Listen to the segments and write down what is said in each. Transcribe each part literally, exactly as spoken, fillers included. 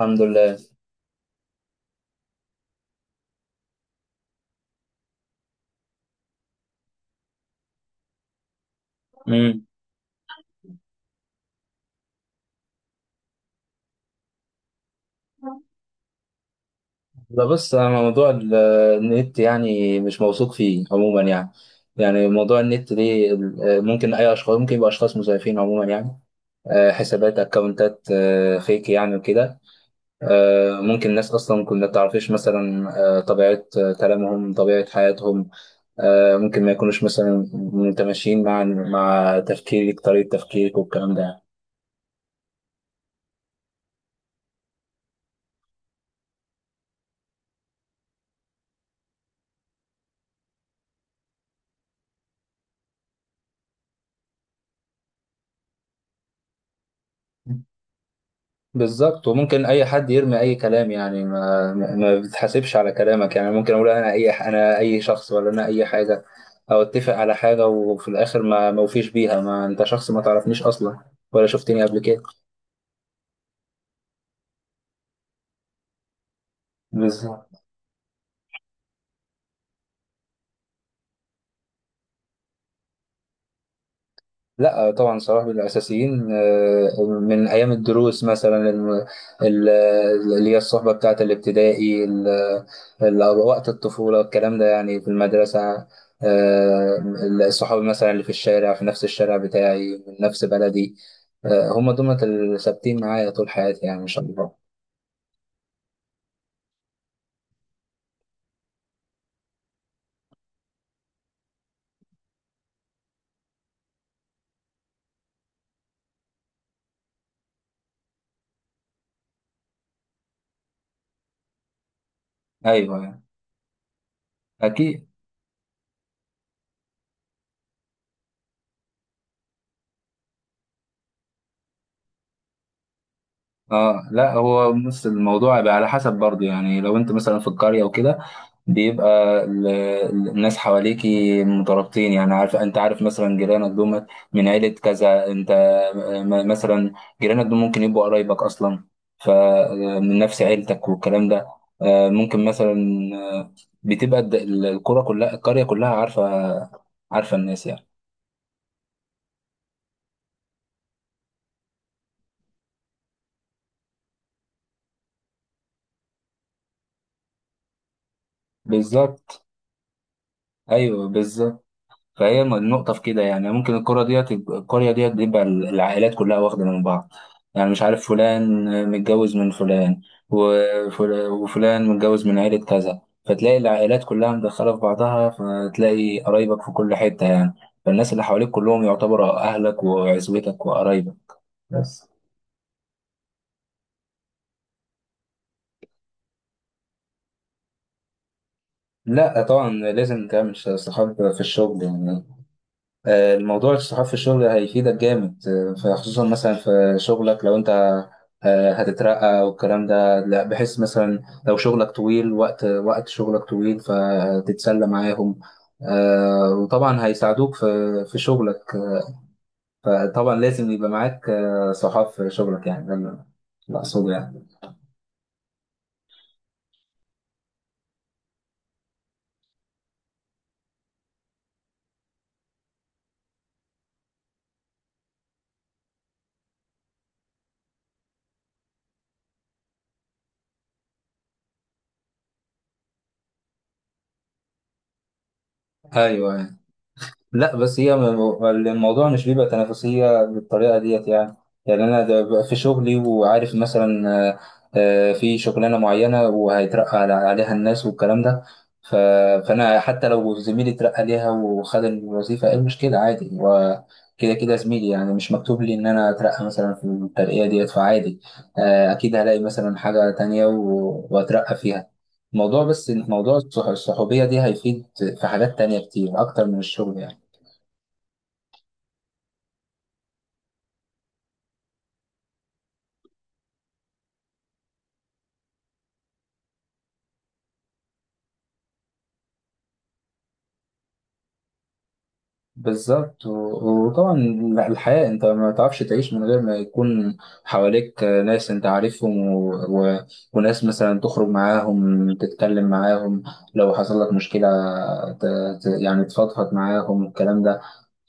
الحمد لله. امم. لا، بص، انا موضوع ال- النت يعني مش موثوق فيه عموما يعني. يعني موضوع النت ده ال- ممكن اي اشخاص، ممكن يبقى اشخاص مزيفين عموما يعني. آه، حسابات، اكونتات، آه، فيك يعني وكده. آه، ممكن ناس اصلا كنا تعرفش مثلا. آه، طبيعه، آه، كلامهم، طبيعه حياتهم. آه، ممكن ما يكونوش مثلا متماشيين مع مع تفكيرك، طريقه تفكيرك والكلام ده يعني. بالظبط. وممكن اي حد يرمي اي كلام يعني، ما ما ما بتحاسبش على كلامك يعني. ممكن اقول انا اي انا اي شخص، ولا انا اي حاجه، او اتفق على حاجه وفي الاخر ما موفيش بيها. ما انت شخص ما تعرفنيش اصلا ولا شفتني قبل كده. بالظبط. لا طبعا، صلاح من الاساسيين. آه، من ايام الدروس مثلا، الم- ال- اللي هي الصحبه بتاعه الابتدائي، ال- ال- وقت الطفوله الكلام ده يعني، في المدرسه. آه، الصحاب مثلا اللي في الشارع، في نفس الشارع بتاعي، من نفس بلدي. آه، هم دول اللي ثابتين معايا طول حياتي يعني ان شاء الله. ايوه يعني. اكيد. اه، لا، هو بص الموضوع بقى على حسب برضه يعني. لو انت مثلا في القرية وكده، بيبقى ال- ال- الناس حواليكي مترابطين. يعني عارف، انت عارف مثلا جيرانك دول من عيلة كذا، انت م- مثلا جيرانك دول ممكن يبقوا قرايبك اصلا، فمن نفس عيلتك والكلام ده. آه، ممكن مثلا. آه، بتبقى الد- ال- القرى كلها القرية كلها عارفة عارفة الناس يعني. بالظبط. ايوه، بالظبط. فهي النقطة في كده يعني. ممكن الكرة ديت القرية ديت بيبقى العائلات كلها واخدة من بعض. يعني مش عارف فلان متجوز من فلان، وفل- وفلان متجوز من عيلة كذا، فتلاقي العائلات كلها مدخلة في بعضها، فتلاقي قرايبك في كل حتة يعني. فالناس اللي حواليك كلهم يعتبروا أهلك وعزوتك وقرايبك بس. لا طبعا، لازم تعمل صحاب في الشغل يعني. آه، الموضوع الصحاب في الشغل هيفيدك جامد. آه، فخصوصا مثلا في شغلك، لو انت آه، هتترقى والكلام ده، لا، بحيث مثلا لو شغلك طويل، وقت وقت شغلك طويل فتتسلى معاهم. آه، وطبعا هيساعدوك في في شغلك. فطبعا لازم يبقى معاك آه، صحاب في شغلك، يعني ده اللي أقصده يعني. ايوه، أيوه. لا بس هي م- الموضوع مش بيبقى تنافسية بالطريقة ديت يعني. يعني أنا ده ببقى في شغلي وعارف مثلا، آه، آه، في شغلانة معينة وهيترقى على- عليها الناس والكلام ده. ف- فأنا حتى لو زميلي اترقى ليها وخد الوظيفة، إيه المشكلة؟ عادي، هو كده كده زميلي يعني، مش مكتوب لي إن أنا أترقى مثلا في الترقية ديت فعادي. آه، أكيد هلاقي مثلا حاجة تانية و- وأترقى فيها. الموضوع بس، موضوع الصح- الصحوبية دي هيفيد في حاجات تانية كتير أكتر من الشغل يعني. بالظبط. و- وطبعا الحياة انت ما تعرفش تعيش من غير ما يكون حواليك ناس انت عارفهم، و... و... وناس مثلا تخرج معاهم، تتكلم معاهم. لو حصل لك مشكلة، ت... ت... يعني تفضفض معاهم الكلام ده.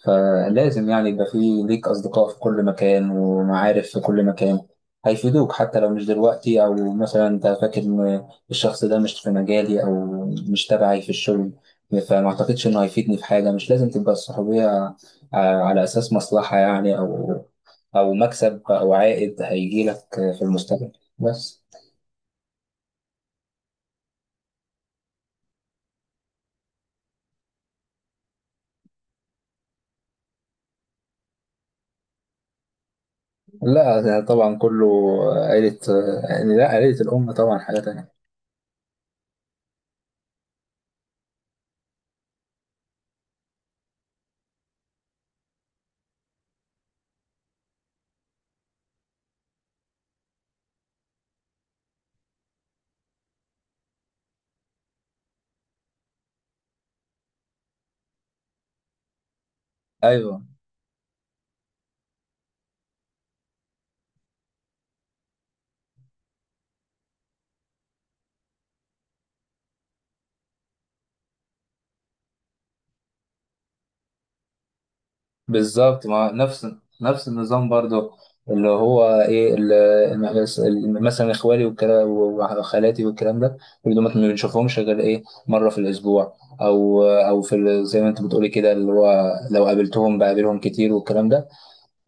فلازم يعني يبقى في ليك أصدقاء في كل مكان ومعارف في كل مكان هيفيدوك، حتى لو مش دلوقتي، أو مثلا أنت فاكر إن الشخص ده مش في مجالي أو مش تبعي في الشغل فما أعتقدش إنه هيفيدني في حاجة. مش لازم تبقى الصحوبية ع- على أساس مصلحة يعني، أو أو مكسب أو عائد هيجيلك في المستقبل بس. لا، ده طبعا كله عيلة. آه، يعني لا، عيلة الأم طبعا حاجة تانية. أيوه، بالظبط. ما نفس نفس النظام برضو، اللي هو ايه، اللي مثلا اخوالي والكلام وخالاتي والكلام ده، اللي ما بنشوفهمش غير ايه مره في الاسبوع، او او في ال- زي ما انت بتقولي كده، اللي هو لو قابلتهم بقابلهم كتير والكلام ده.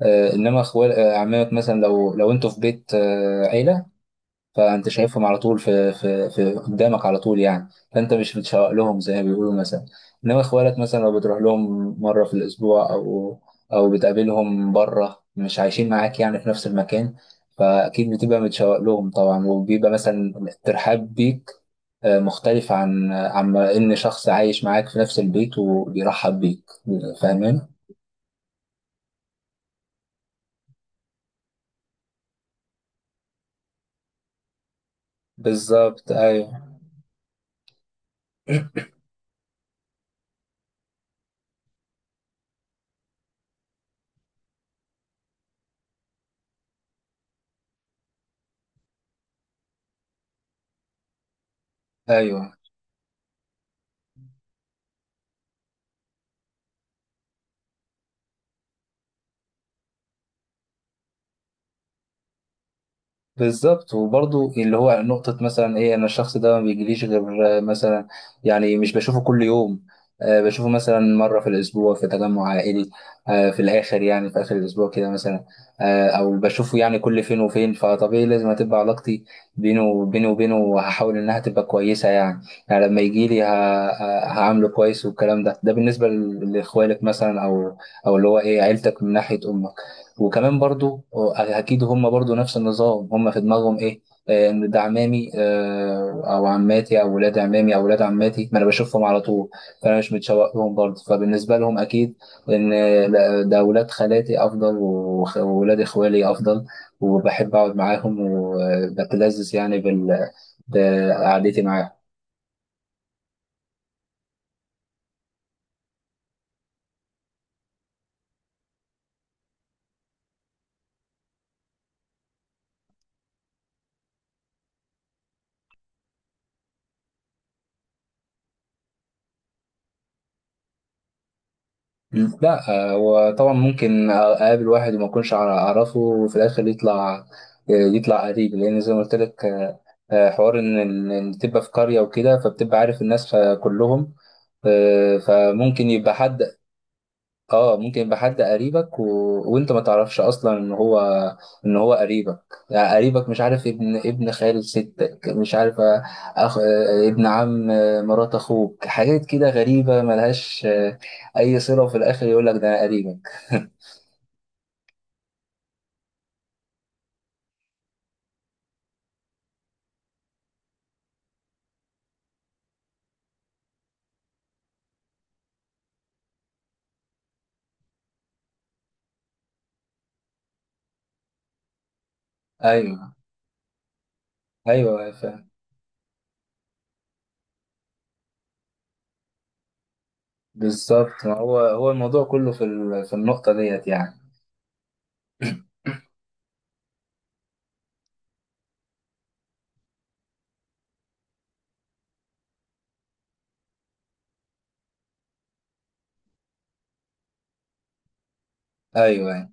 آه انما اخوال آه، عمامك مثلا، لو لو انتوا في بيت آه عيله، فانت شايفهم على طول، في في في قدامك على طول يعني، فانت مش بتشوق لهم زي ما بيقولوا مثلا. انما اخوالك مثلا لو بتروح لهم مره في الاسبوع، او او بتقابلهم بره، مش عايشين معاك يعني في نفس المكان، فاكيد بتبقى متشوق لهم طبعا، وبيبقى مثلا الترحاب بيك آه، مختلف عن عن ان شخص عايش معاك في نفس البيت وبيرحب بيك. فاهمين؟ بالظبط. ايوه، ايوه، بالظبط. وبرضه اللي هو نقطة مثلا ايه، انا الشخص ده ما بيجيليش غير آه، مثلا، يعني مش بشوفه كل يوم. آه، بشوفه مثلا مرة في الأسبوع في تجمع عائلي، آه، في الآخر يعني في آخر الأسبوع كده مثلا، آه، أو بشوفه يعني كل فين وفين. فطبيعي لازم هتبقى علاقتي بينه وبينه وبينه، وهحاول إنها تبقى كويسة يعني. يعني لما يجيلي ه- ه- هعامله كويس والكلام ده. ده بالنسبة ل- لإخوالك مثلا، أو أو اللي هو إيه، عيلتك من ناحية أمك. وكمان برضو آه، اكيد هم برضو نفس النظام، هم في دماغهم ايه، آه، ان ده عمامي آه، او عماتي او ولاد عمامي او ولاد عماتي، ما انا بشوفهم على طول فانا مش متشوق لهم برضو. فبالنسبه لهم اكيد ان، آه، لا، ده ولاد خالاتي افضل، وخ- وولاد اخوالي افضل، وبحب اقعد معاهم وبتلذذ يعني بال- بقعدتي معاهم. لا، هو طبعا ممكن اقابل واحد وما اكونش أع- اعرفه، وفي الاخر يطلع آه، يطلع قريب، لان زي ما قلت لك، آه، آه، حوار ان إن- إن تبقى في قريه وكده فبتبقى عارف الناس كلهم. آه، فممكن يبقى حد. اه، ممكن يبقى حد قريبك، و... وانت ما تعرفش اصلا ان هو ان هو قريبك. يعني قريبك، مش عارف ابن ابن خال ستك، مش عارف أخ... ابن عم، مرات اخوك، حاجات كده غريبة ملهاش اي صلة، وفي الاخر يقول لك ده أنا قريبك. ايوه، ايوه، فاهم. بالظبط، ما هو هو الموضوع كله في ال... في النقطة ديت يعني. ايوه،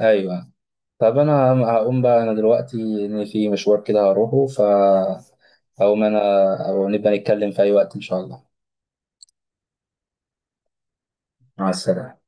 ايوه. طب انا هم- هقوم بقى انا دلوقتي، ان في مشوار كده هروحه فهقوم انا. او نبقى نتكلم في اي وقت ان شاء الله. مع السلامة.